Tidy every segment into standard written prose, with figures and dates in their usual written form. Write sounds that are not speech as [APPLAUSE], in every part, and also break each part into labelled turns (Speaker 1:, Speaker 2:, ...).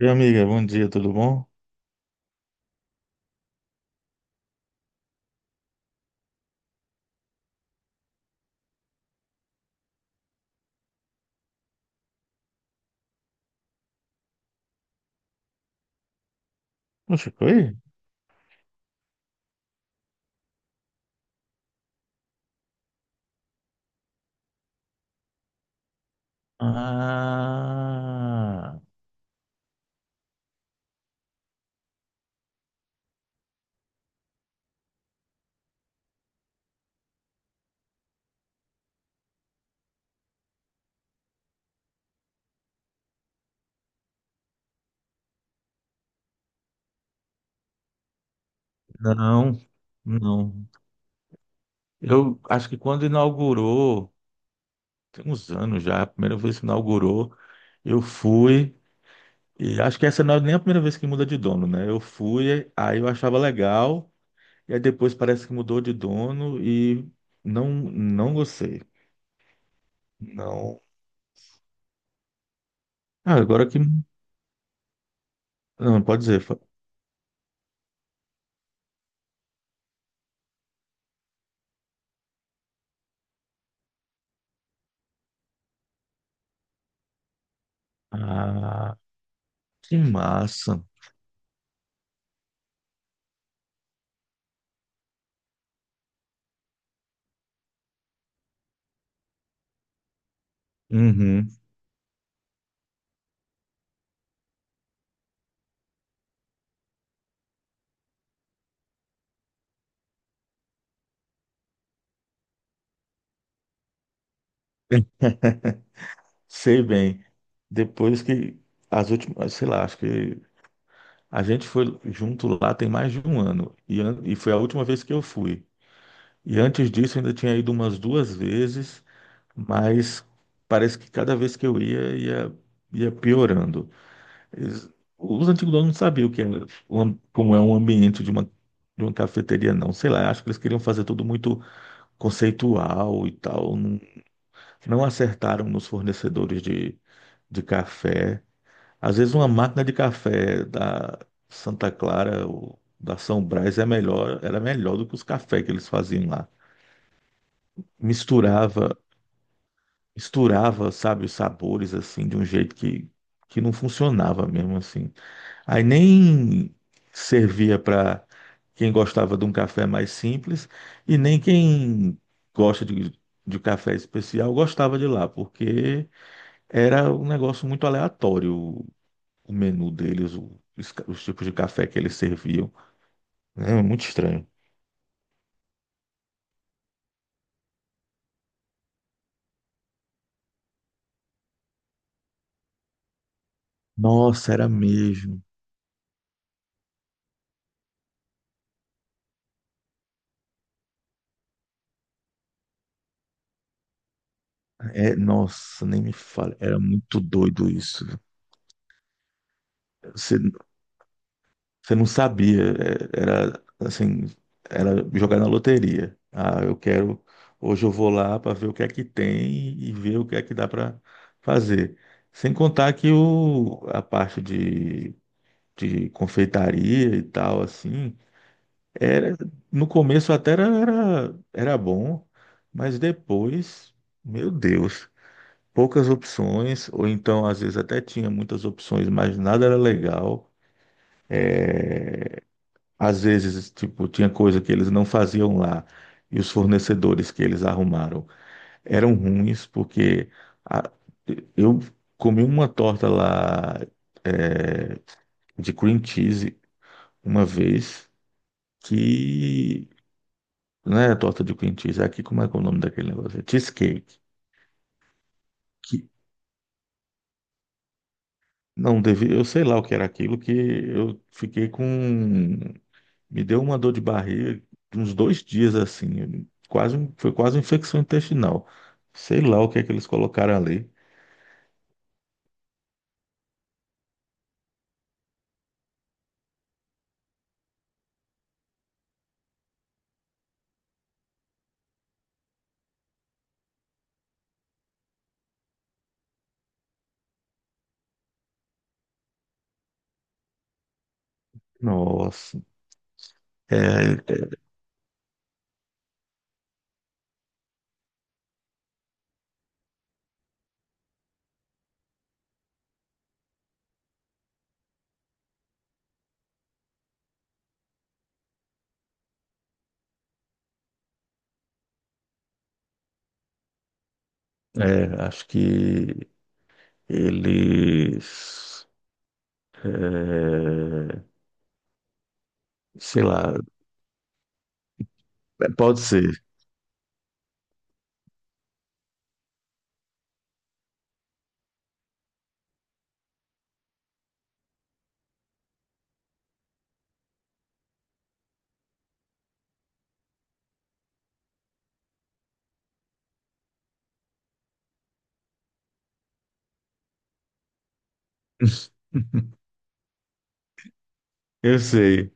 Speaker 1: E amiga, bom dia, tudo bom? Não ficou aí? Ah, não, não. Eu acho que quando inaugurou, tem uns anos já, a primeira vez que inaugurou, eu fui, e acho que essa não é nem a primeira vez que muda de dono, né? Eu fui, aí eu achava legal, e aí depois parece que mudou de dono e não, não gostei. Não. Ah, agora que. Não, pode dizer. Ah, que massa. Uhum. Sei bem. Depois que as últimas, sei lá, acho que a gente foi junto lá tem mais de um ano e foi a última vez que eu fui. E antes disso eu ainda tinha ido umas duas vezes, mas parece que cada vez que eu ia, ia piorando. Eles- os antigos donos não sabiam o que é, como é um ambiente de uma cafeteria, não. Sei lá, acho que eles queriam fazer tudo muito conceitual e tal. Não, não acertaram nos fornecedores de café. Às vezes uma máquina de café da Santa Clara ou da São Brás é melhor, era melhor do que os cafés que eles faziam lá. Misturava, misturava, sabe, os sabores assim de um jeito que não funcionava mesmo assim. Aí nem servia para quem gostava de um café mais simples e nem quem gosta de café especial gostava de lá, porque era um negócio muito aleatório o menu deles, os tipos de café que eles serviam. É muito estranho. Nossa, era mesmo. É, nossa, nem me fala. Era muito doido isso. Você, você não sabia. É, era assim, era jogar na loteria. Ah, eu quero. Hoje eu vou lá para ver o que é que tem e ver o que é que dá para fazer. Sem contar que a parte de confeitaria e tal, assim, Era, no começo até era bom, mas depois, meu Deus, poucas opções, ou então às vezes até tinha muitas opções, mas nada era legal. Às vezes, tipo, tinha coisa que eles não faziam lá e os fornecedores que eles arrumaram eram ruins, porque a- eu comi uma torta lá, é, de cream cheese uma vez que não é torta de cream cheese, é aqui como é que é o nome daquele negócio? É cheesecake. Que não devia, eu sei lá o que era aquilo, que eu fiquei com. Me deu uma dor de barriga de uns 2 dias assim. Quase, foi quase uma infecção intestinal. Sei lá o que é que eles colocaram ali. Nossa. É, acho que eles. é, Sei lá, pode ser. [LAUGHS] Eu sei.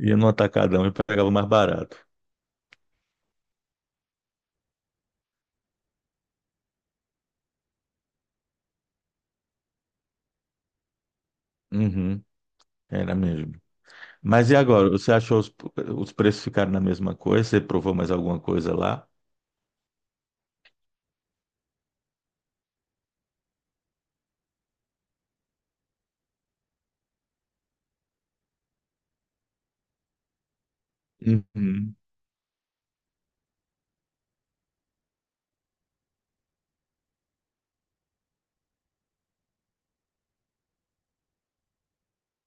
Speaker 1: Ia no atacadão e pegava mais barato. Uhum, era mesmo. Mas e agora? Você achou os preços ficaram na mesma coisa? Você provou mais alguma coisa lá? Uhum.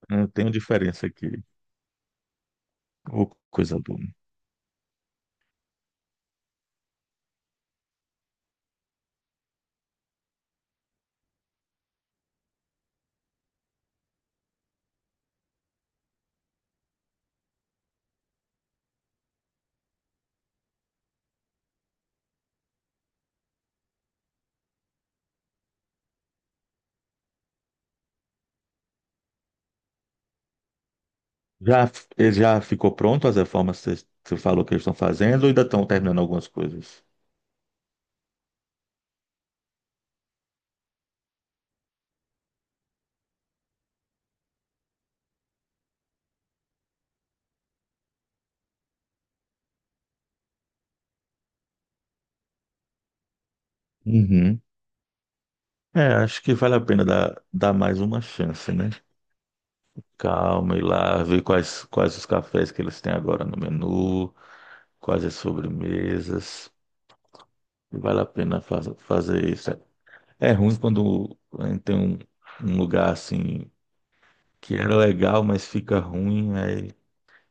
Speaker 1: Não tem uma diferença aqui. Ô, coisa boa. Já, Ele já ficou pronto as reformas que você falou que eles estão fazendo ou ainda estão terminando algumas coisas? Uhum. É, acho que vale a pena dar mais uma chance, né? Calma, ir lá, ver quais os cafés que eles têm agora no menu, quais as sobremesas. Vale a pena fazer isso. É ruim quando tem um lugar assim que era legal, mas fica ruim. Aí,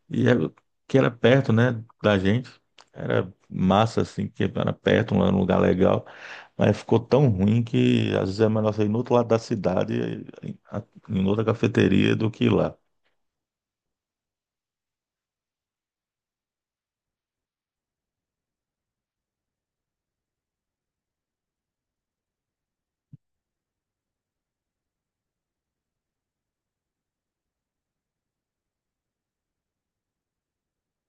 Speaker 1: e era- que era perto, né, da gente. Era massa, assim, que era perto, um lugar legal. Mas ficou tão ruim que às vezes é melhor sair no outro lado da cidade, em em outra cafeteria, do que ir lá.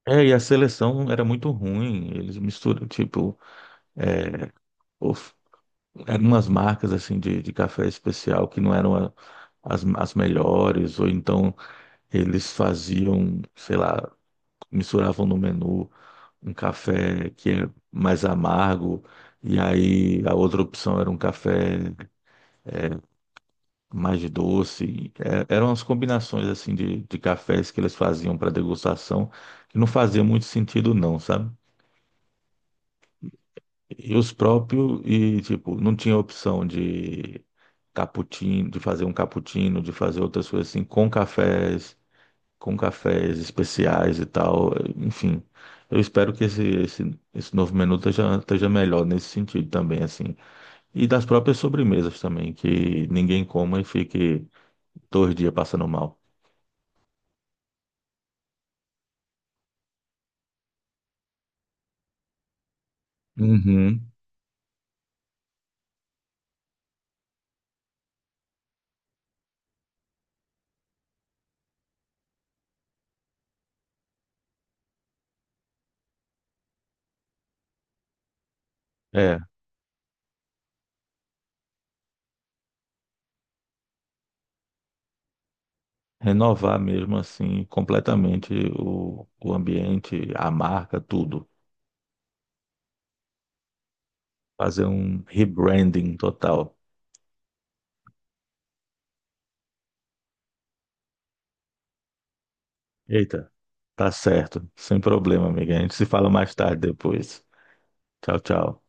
Speaker 1: É, e a seleção era muito ruim. Eles misturam, tipo, é, of- eram umas marcas assim de café especial que não eram as melhores, ou então eles faziam, sei lá, misturavam no menu um café que é mais amargo, e aí a outra opção era um café mais doce. É, eram as combinações assim de cafés que eles faziam para degustação, que não fazia muito sentido não, sabe? E os próprios, e tipo, não tinha opção de cappuccino, de fazer um cappuccino, de fazer outras coisas assim, com cafés especiais e tal. Enfim, eu espero que esse novo menu esteja melhor nesse sentido também, assim. E das próprias sobremesas também, que ninguém coma e fique 2 dias passando mal. Uhum. É, renovar mesmo assim completamente o ambiente, a marca, tudo. Fazer um rebranding total. Eita, tá certo, sem problema, amiga. A gente se fala mais tarde depois. Tchau, tchau.